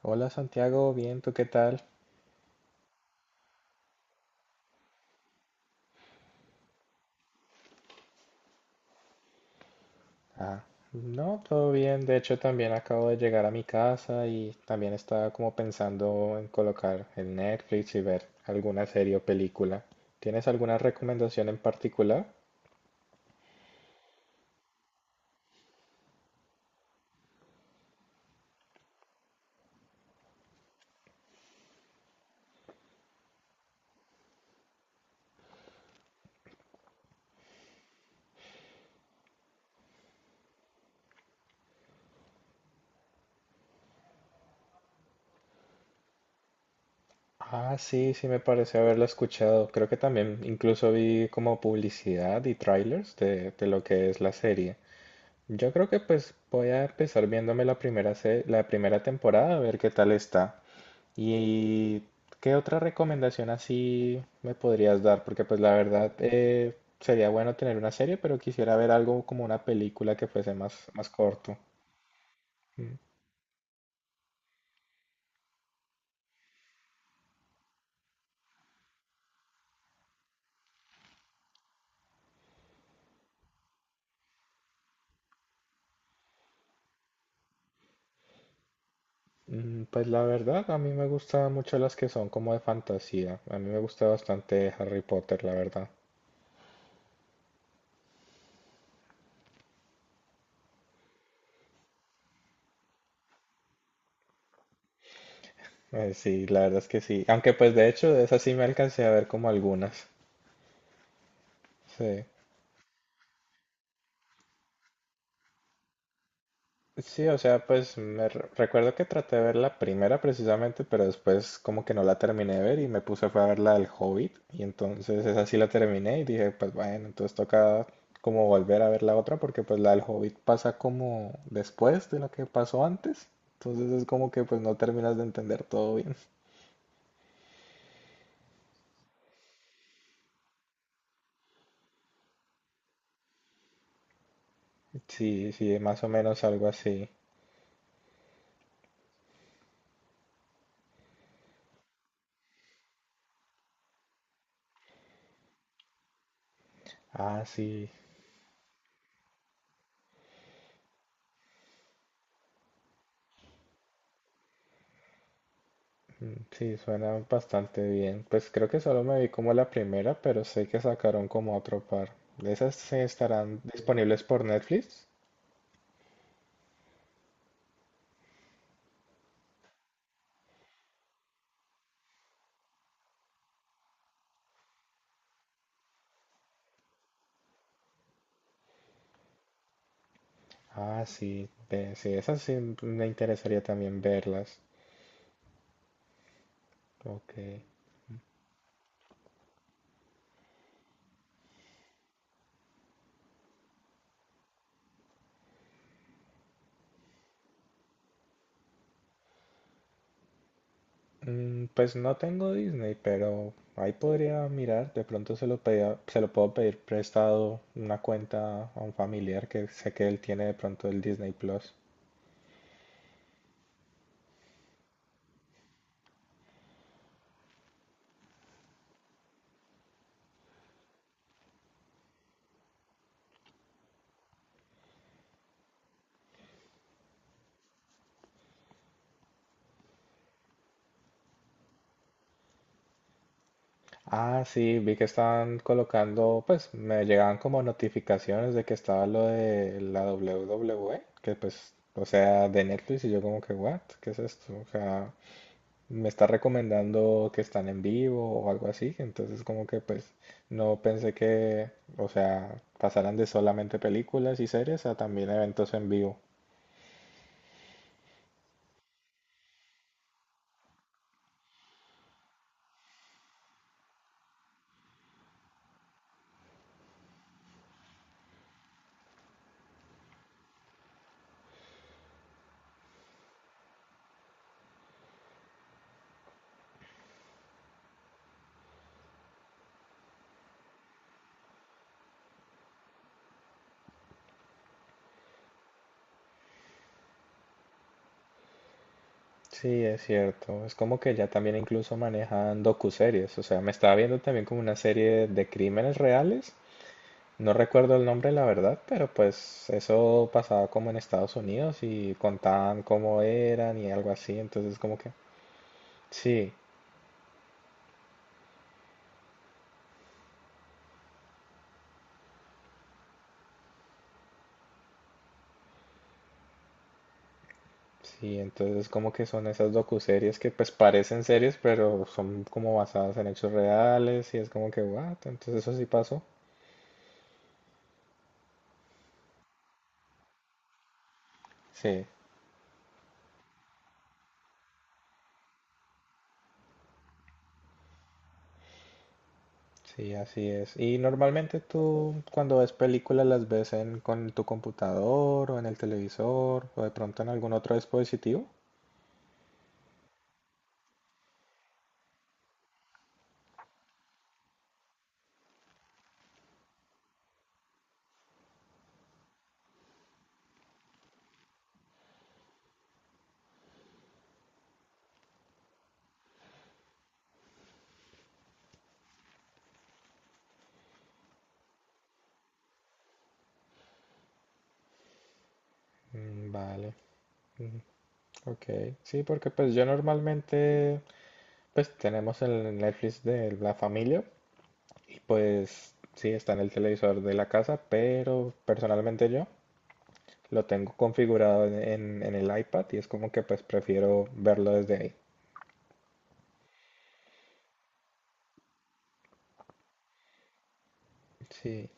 Hola Santiago, bien, ¿tú qué tal? Ah, no, todo bien. De hecho, también acabo de llegar a mi casa y también estaba como pensando en colocar el Netflix y ver alguna serie o película. ¿Tienes alguna recomendación en particular? Ah, sí, sí, me parece haberla escuchado. Creo que también incluso vi como publicidad y trailers de lo que es la serie. Yo creo que pues voy a empezar viéndome la primera, la primera temporada a ver qué tal está. ¿Y qué otra recomendación así me podrías dar? Porque pues la verdad sería bueno tener una serie, pero quisiera ver algo como una película que fuese más, más corto. Mm, Pues la verdad, a mí me gustan mucho las que son como de fantasía. A mí me gusta bastante Harry Potter, la verdad. Sí, la verdad es que sí. Aunque pues de hecho de esas sí me alcancé a ver como algunas. Sí. Sí, o sea, pues recuerdo que traté de ver la primera precisamente, pero después como que no la terminé de ver y me puse fue a ver la del Hobbit y entonces esa sí la terminé y dije, pues bueno, entonces toca como volver a ver la otra porque pues la del Hobbit pasa como después de lo que pasó antes, entonces es como que pues no terminas de entender todo bien. Sí, sí, más o menos algo así. Ah, sí. Mm, sí, suena bastante bien. Pues creo que solo me vi como la primera, pero sé que sacaron como otro par. ¿Esas se estarán disponibles por Netflix? Ah, sí, sí, esas sí me interesaría también verlas. Ok. Mm, pues no tengo Disney, pero ahí podría mirar. De pronto se lo puedo pedir prestado una cuenta a un familiar que sé que él tiene de pronto el Disney Plus. Ah, sí, vi que están colocando, pues me llegaban como notificaciones de que estaba lo de la WWE, que pues, o sea, de Netflix y yo como que, what, ¿qué es esto? O sea, me está recomendando que están en vivo o algo así, entonces como que pues no pensé que, o sea, pasaran de solamente películas y series a también eventos en vivo. Sí, es cierto. Es como que ya también incluso manejan docuseries. O sea, me estaba viendo también como una serie de crímenes reales. No recuerdo el nombre, la verdad, pero pues eso pasaba como en Estados Unidos y contaban cómo eran y algo así, entonces como que sí, sí, entonces como que son esas docuseries que pues parecen series, pero son como basadas en hechos reales y es como que what, entonces eso sí pasó. Sí, sí, así es. Y normalmente tú cuando ves películas las ves en con tu computador o en el televisor o de pronto en algún otro dispositivo. Mm, vale. Ok, sí, porque pues yo normalmente pues tenemos el Netflix de la familia y pues sí está en el televisor de la casa, pero personalmente yo lo tengo configurado en, en el iPad y es como que pues prefiero verlo desde ahí. Sí,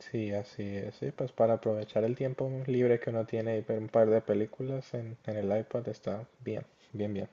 sí, así es, sí, pues para aprovechar el tiempo libre que uno tiene y ver un par de películas en el iPad está bien, bien, bien.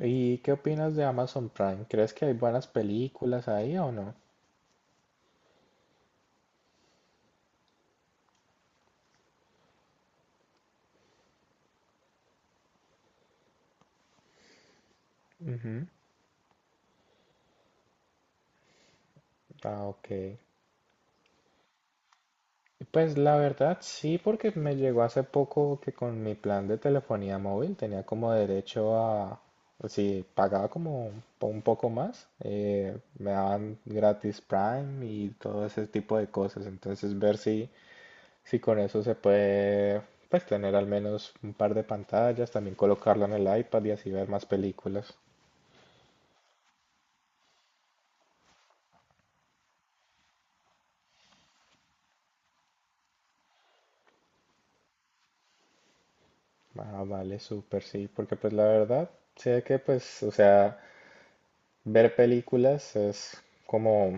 ¿Y qué opinas de Amazon Prime? ¿Crees que hay buenas películas ahí o no? Ujú. Ah, ok. Pues la verdad sí, porque me llegó hace poco que con mi plan de telefonía móvil tenía como derecho a, si pagaba como un poco más, me daban gratis Prime y todo ese tipo de cosas. Entonces ver si, si con eso se puede, pues tener al menos un par de pantallas, también colocarlo en el iPad y así ver más películas. Ah, vale, súper, sí, porque pues la verdad sé que pues, o sea... Ver películas es como,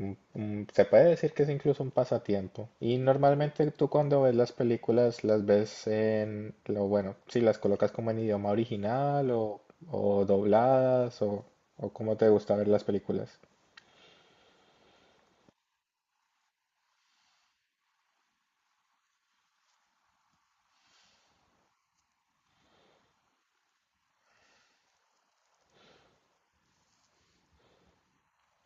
se puede decir que es incluso un pasatiempo. Y normalmente tú cuando ves las películas las ves en, lo bueno, si las colocas como en idioma original o dobladas o cómo te gusta ver las películas.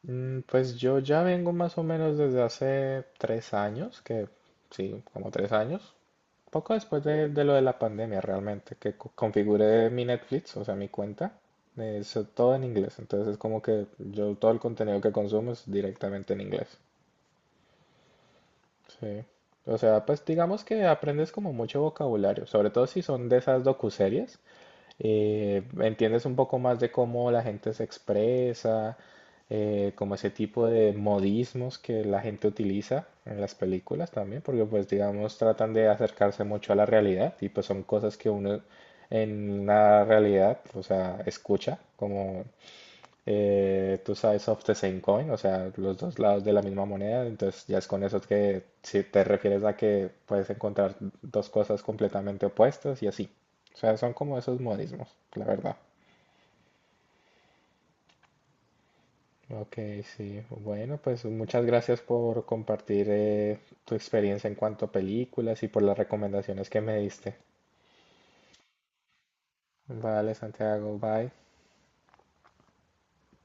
Mm, pues yo ya vengo más o menos desde hace 3 años, que sí, como 3 años, poco después de lo de la pandemia realmente, que configuré mi Netflix, o sea, mi cuenta, es todo en inglés. Entonces es como que yo todo el contenido que consumo es directamente en inglés. Sí. O sea, pues digamos que aprendes como mucho vocabulario, sobre todo si son de esas docuseries. Entiendes un poco más de cómo la gente se expresa, como ese tipo de modismos que la gente utiliza en las películas también, porque pues digamos tratan de acercarse mucho a la realidad y pues son cosas que uno en la realidad, o sea, escucha, como tú sabes of the same coin, o sea, los dos lados de la misma moneda, entonces ya es con eso que si te refieres a que puedes encontrar dos cosas completamente opuestas y así. O sea, son como esos modismos, la verdad. Ok, sí. Bueno, pues muchas gracias por compartir tu experiencia en cuanto a películas y por las recomendaciones que me diste. Vale, Santiago, bye.